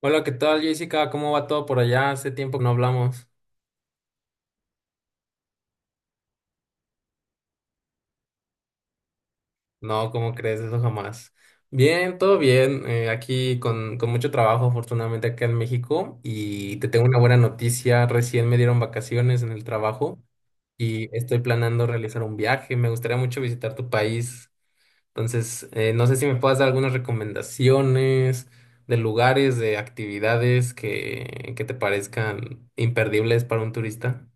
Hola, ¿qué tal, Jessica? ¿Cómo va todo por allá? Hace tiempo que no hablamos. No, ¿cómo crees? Eso jamás. Bien, todo bien. Aquí con mucho trabajo, afortunadamente, acá en México. Y te tengo una buena noticia. Recién me dieron vacaciones en el trabajo y estoy planeando realizar un viaje. Me gustaría mucho visitar tu país. Entonces, no sé si me puedas dar algunas recomendaciones de lugares, de actividades que te parezcan imperdibles para un turista.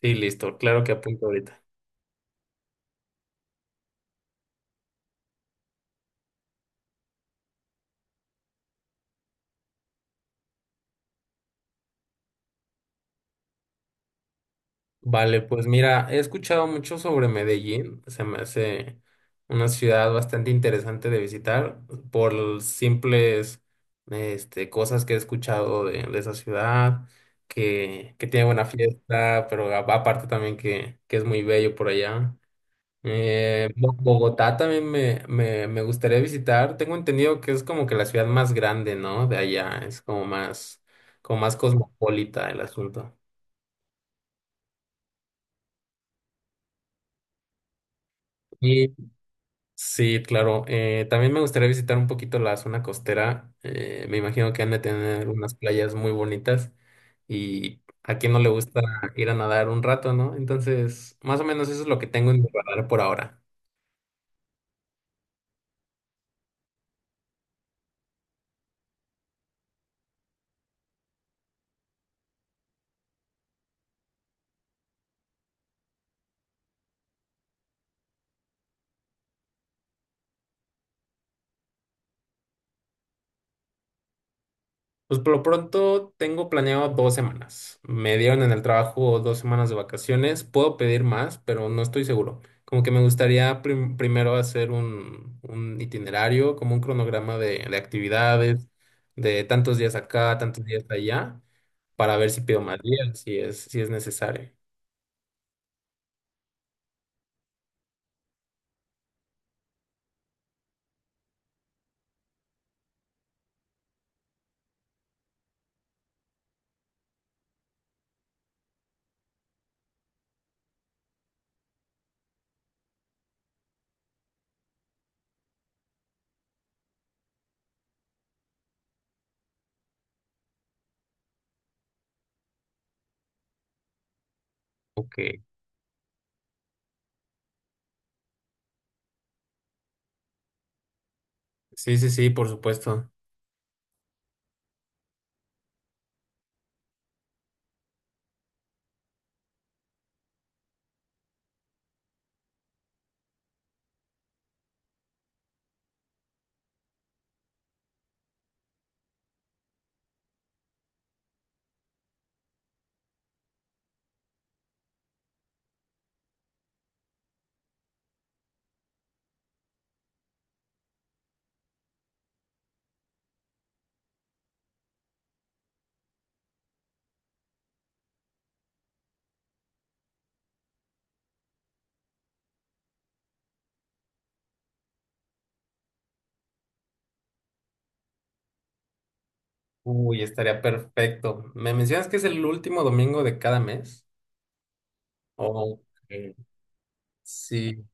Sí, listo. Claro que apunto ahorita. Vale, pues mira, he escuchado mucho sobre Medellín, se me hace una ciudad bastante interesante de visitar por los simples este, cosas que he escuchado de esa ciudad, que tiene buena fiesta, pero aparte también que es muy bello por allá. Bogotá también me gustaría visitar, tengo entendido que es como que la ciudad más grande, ¿no? De allá, es como más cosmopolita el asunto. Sí, claro. También me gustaría visitar un poquito la zona costera. Me imagino que han de tener unas playas muy bonitas y a quien no le gusta ir a nadar un rato, ¿no? Entonces, más o menos eso es lo que tengo en mi radar por ahora. Pues por lo pronto tengo planeado 2 semanas. Me dieron en el trabajo 2 semanas de vacaciones. Puedo pedir más, pero no estoy seguro. Como que me gustaría primero hacer un itinerario, como un cronograma de actividades, de tantos días acá, tantos días allá, para ver si pido más días, si es necesario. Ok. Sí, sí, sí, por supuesto. Uy, estaría perfecto. ¿Me mencionas que es el último domingo de cada mes? Ok. Sí.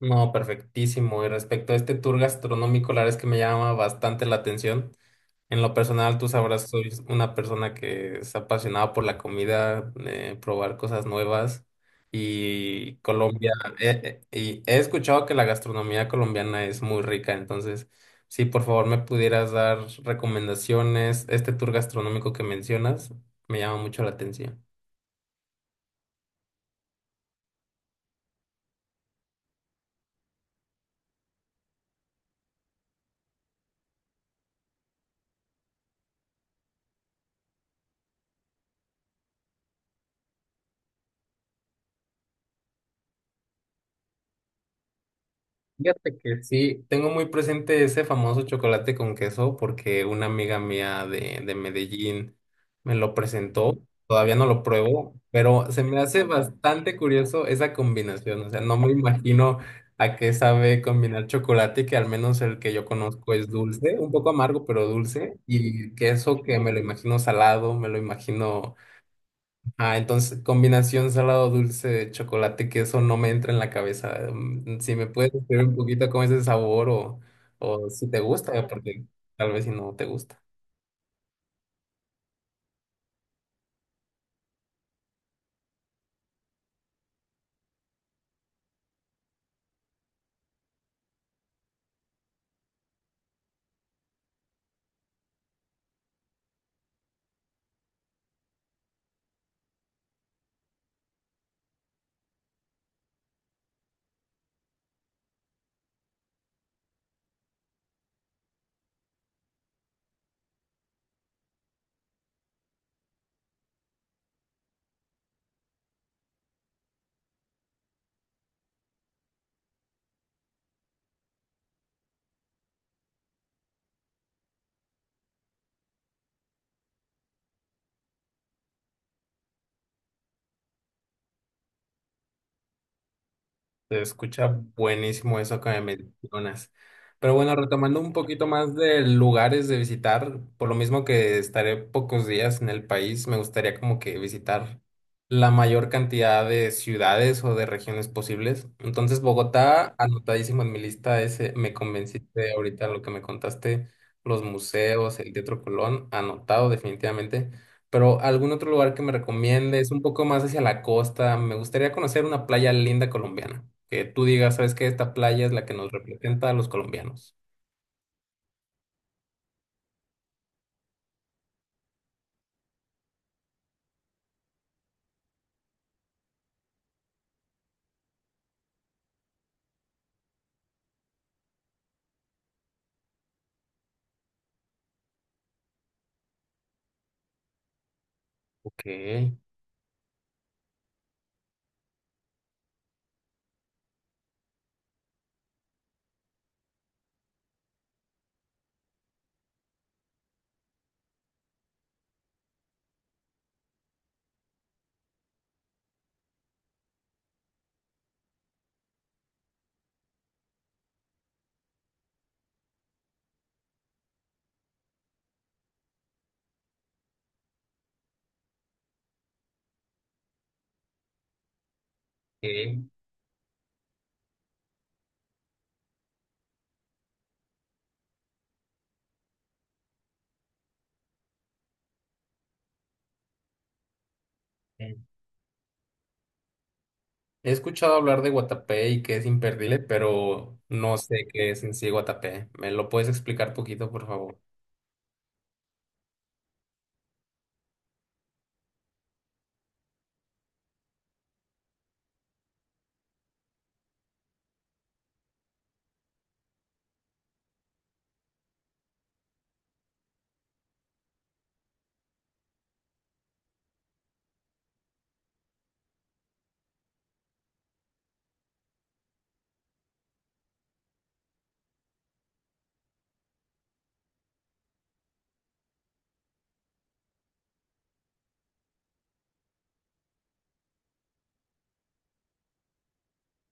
No, perfectísimo. Y respecto a este tour gastronómico, la verdad es que me llama bastante la atención. En lo personal, tú sabrás, soy una persona que es apasionada por la comida, probar cosas nuevas. Y Colombia, y he escuchado que la gastronomía colombiana es muy rica. Entonces, si por favor me pudieras dar recomendaciones, este tour gastronómico que mencionas, me llama mucho la atención. Fíjate que sí, tengo muy presente ese famoso chocolate con queso porque una amiga mía de Medellín me lo presentó. Todavía no lo pruebo, pero se me hace bastante curioso esa combinación. O sea, no me imagino a qué sabe combinar chocolate, que al menos el que yo conozco es dulce, un poco amargo, pero dulce, y queso que me lo imagino salado, me lo imagino. Ah, entonces combinación salado dulce de chocolate, que eso no me entra en la cabeza. Si me puedes describir un poquito cómo es el sabor o si te gusta, porque tal vez si no te gusta. Se escucha buenísimo eso que me mencionas. Pero bueno, retomando un poquito más de lugares de visitar, por lo mismo que estaré pocos días en el país, me gustaría como que visitar la mayor cantidad de ciudades o de regiones posibles. Entonces, Bogotá, anotadísimo en mi lista, ese me convenciste ahorita lo que me contaste, los museos, el Teatro Colón, anotado definitivamente. Pero algún otro lugar que me recomiendes, un poco más hacia la costa, me gustaría conocer una playa linda colombiana. Que tú digas, ¿sabes qué? Esta playa es la que nos representa a los colombianos. Ok. Ok. Mm. He escuchado hablar de Guatapé y que es imperdible, pero no sé qué es en sí Guatapé. ¿Me lo puedes explicar poquito, por favor?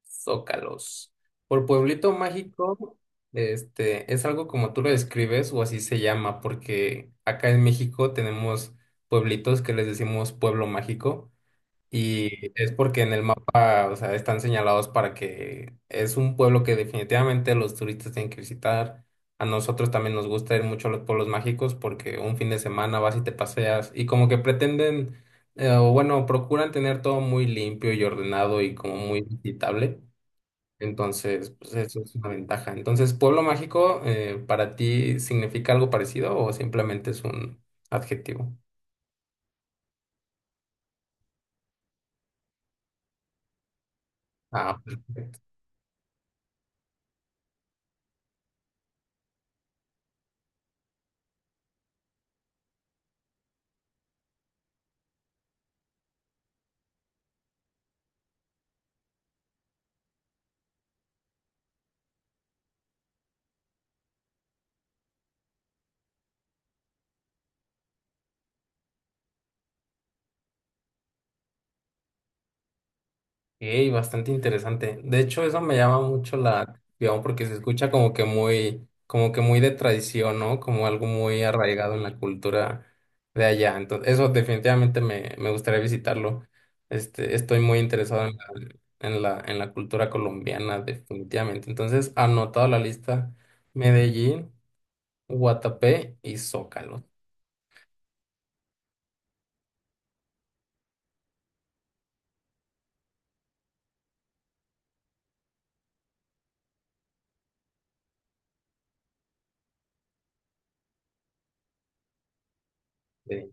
Zócalos. Por pueblito mágico, este, es algo como tú lo describes o así se llama, porque acá en México tenemos pueblitos que les decimos pueblo mágico y es porque en el mapa, o sea, están señalados para que es un pueblo que definitivamente los turistas tienen que visitar. A nosotros también nos gusta ir mucho a los pueblos mágicos porque un fin de semana vas y te paseas y como que pretenden, o bueno, procuran tener todo muy limpio y ordenado y como muy visitable. Entonces, pues eso es una ventaja. Entonces, pueblo mágico, ¿para ti significa algo parecido o simplemente es un adjetivo? Ah, ok, bastante interesante. De hecho, eso me llama mucho la atención porque se escucha como que muy de tradición, ¿no? Como algo muy arraigado en la cultura de allá. Entonces, eso definitivamente me gustaría visitarlo. Este, estoy muy interesado en la cultura colombiana, definitivamente. Entonces, anotado la lista. Medellín. Guatapé y Zócalo. Sí.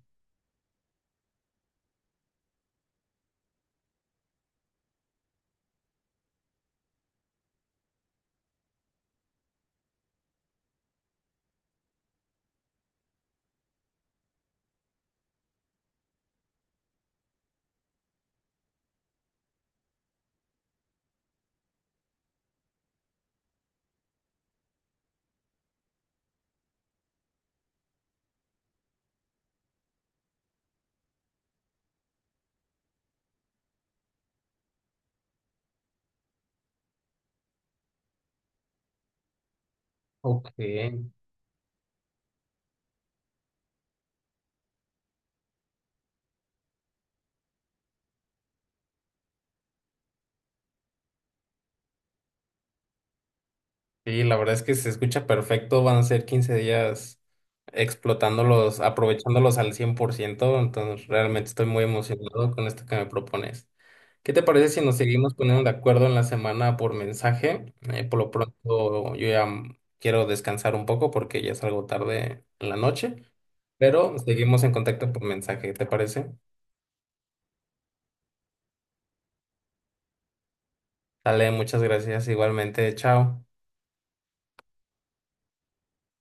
Ok. Sí, la verdad es que se escucha perfecto. Van a ser 15 días explotándolos, aprovechándolos al 100%. Entonces, realmente estoy muy emocionado con esto que me propones. ¿Qué te parece si nos seguimos poniendo de acuerdo en la semana por mensaje? Por lo pronto, yo ya quiero descansar un poco porque ya es algo tarde en la noche, pero seguimos en contacto por mensaje. ¿Te parece? Dale, muchas gracias. Igualmente, chao.